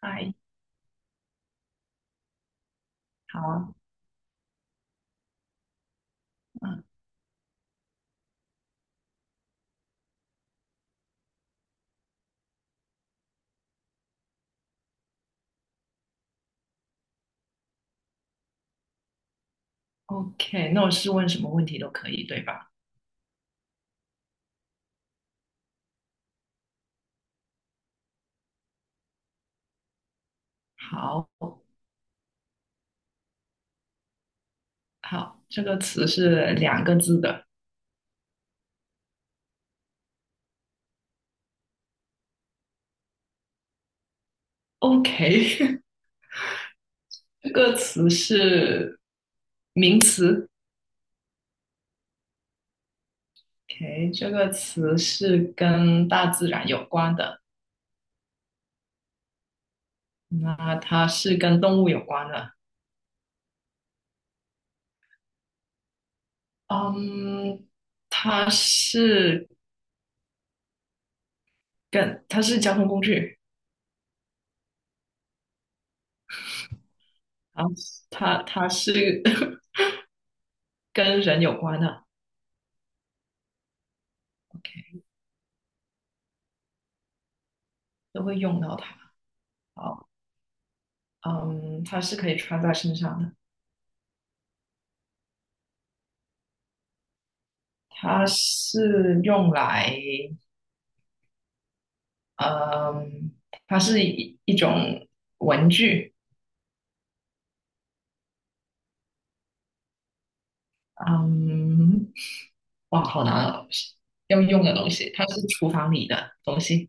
嗨。好。嗯。OK，那我是问什么问题都可以，对吧？好。好，这个词是两个字的。OK。这个词是名词。OK，这个词是跟大自然有关的。那它是跟动物有关的。嗯，它是交通工具。然后它是 跟人有关的。OK，都会用到它。好。嗯，它是可以穿在身上的。它是用来，嗯，它是一种文具。嗯，哇，好难哦。要用的东西，它是厨房里的东西。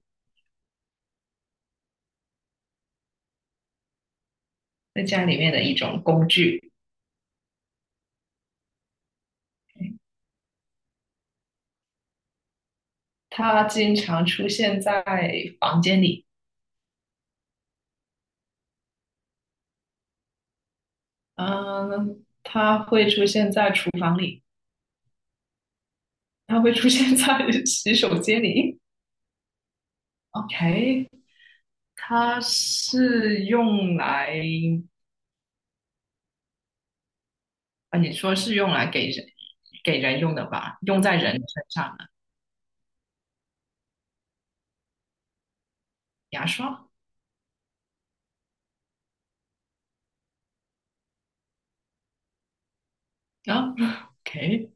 在家里面的一种工具。它经常出现在房间里。嗯，它会出现在厨房里。它会出现在 洗手间里。OK,它是用来你说是用来给人用的吧？用在人身上的。牙刷。啊。OK,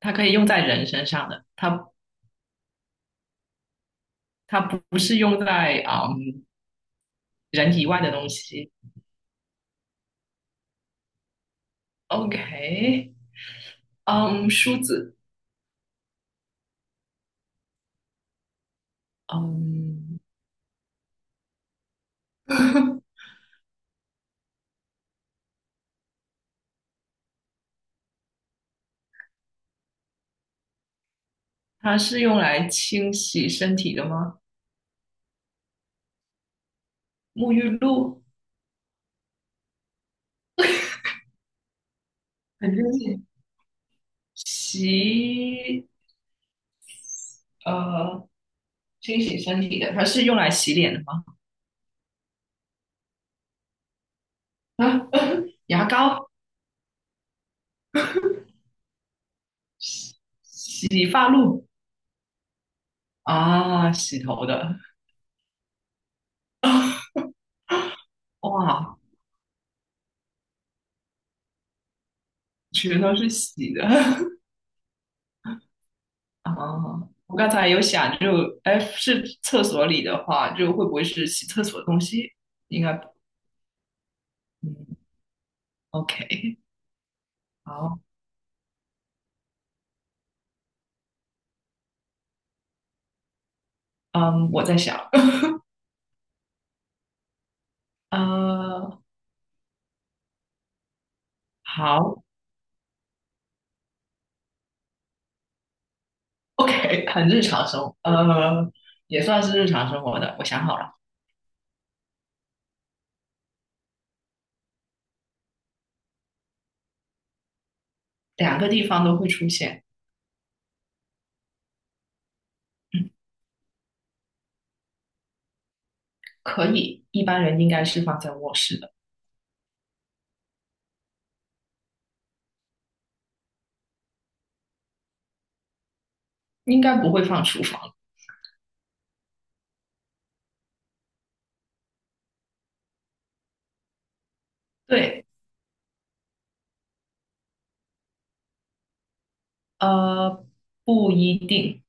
它可以用在人身上的。它不是用在人以外的东西。OK。嗯，梳子。嗯。它是用来清洗身体的吗？沐浴露。很反正洗呃清洗身体的，它是用来洗脸的吗？啊。牙膏、洗洗发露。啊，洗头的。哇，全都是洗的。 啊！我刚才有想就，哎，是厕所里的话，就会不会是洗厕所的东西？应该。嗯。OK。好。嗯，我在想。呃。好。OK,很日常生活。也算是日常生活的。我想好了。两个地方都会出现。可以，一般人应该是放在卧室的。应该不会放厨房。对。呃，不一定。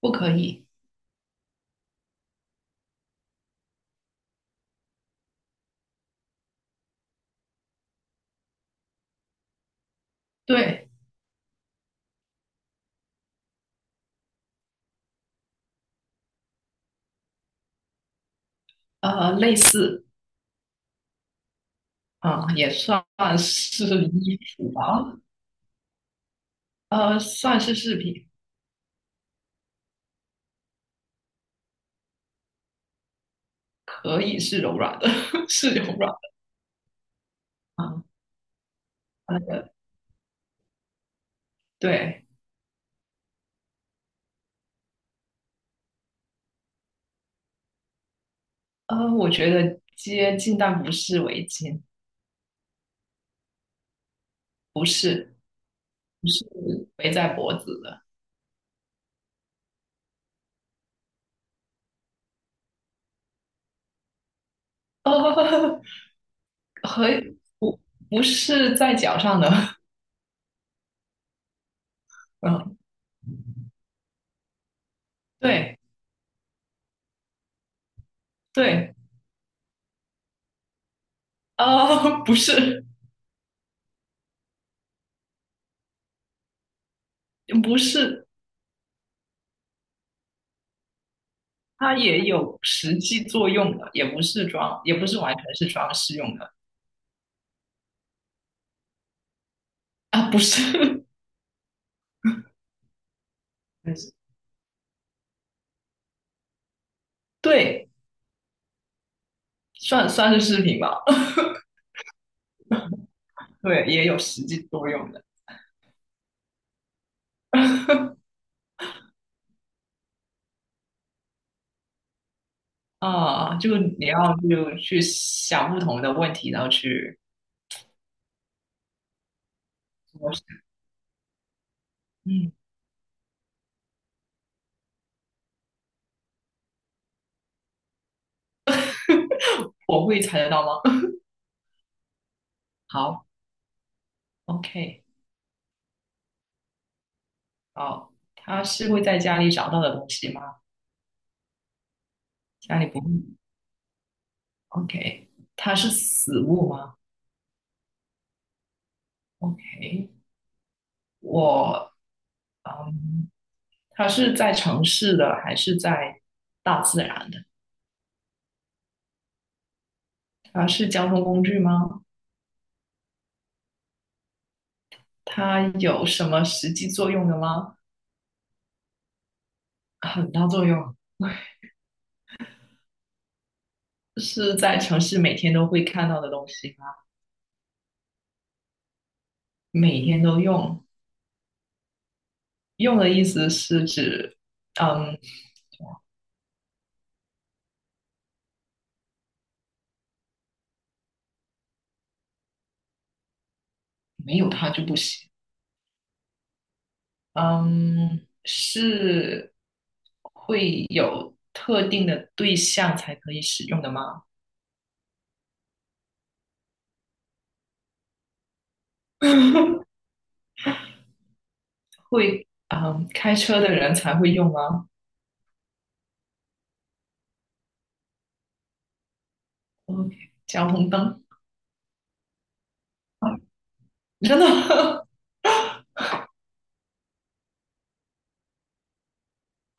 不可以。对。呃，类似。啊，也算是衣服吧。呃，算是饰品。可以是柔软的，是柔软的。啊。呃。对。呃，我觉得接近，但不是围巾。不是。不是。围在脖子的。呃，和不不是在脚上的。嗯。对。对。呃，不是。不是。它也有实际作用的，也不是装，也不是完全是装饰用的。啊，不是。对，算是饰品吧。对，也有实际作用的。啊，就你要就去想不同的问题，然后去。嗯，我会猜得到吗？好。OK。好，它是会在家里找到的东西吗？家里不会。OK,它是死物吗？OK。我。嗯。它是在城市的还是在大自然的？它是交通工具吗？它有什么实际作用的吗？很大作用。是在城市每天都会看到的东西吗？每天都用。用的意思是指，嗯，没有它就不行。嗯，是会有特定的对象才可以使用的吗？会。嗯，开车的人才会用吗？OK。交通灯。真的。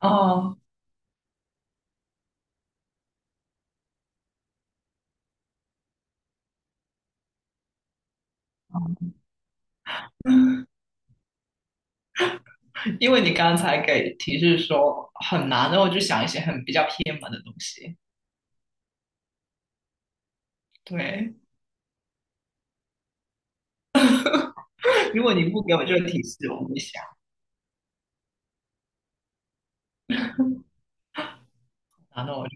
哦，因为你刚才给提示说很难，然后我就想一些很比较偏门的东西。对。如果你不给我这个提示，我不会想。然后我就。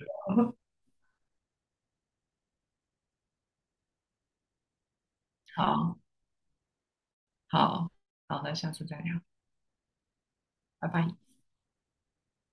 好好好，那下次再聊。拜拜。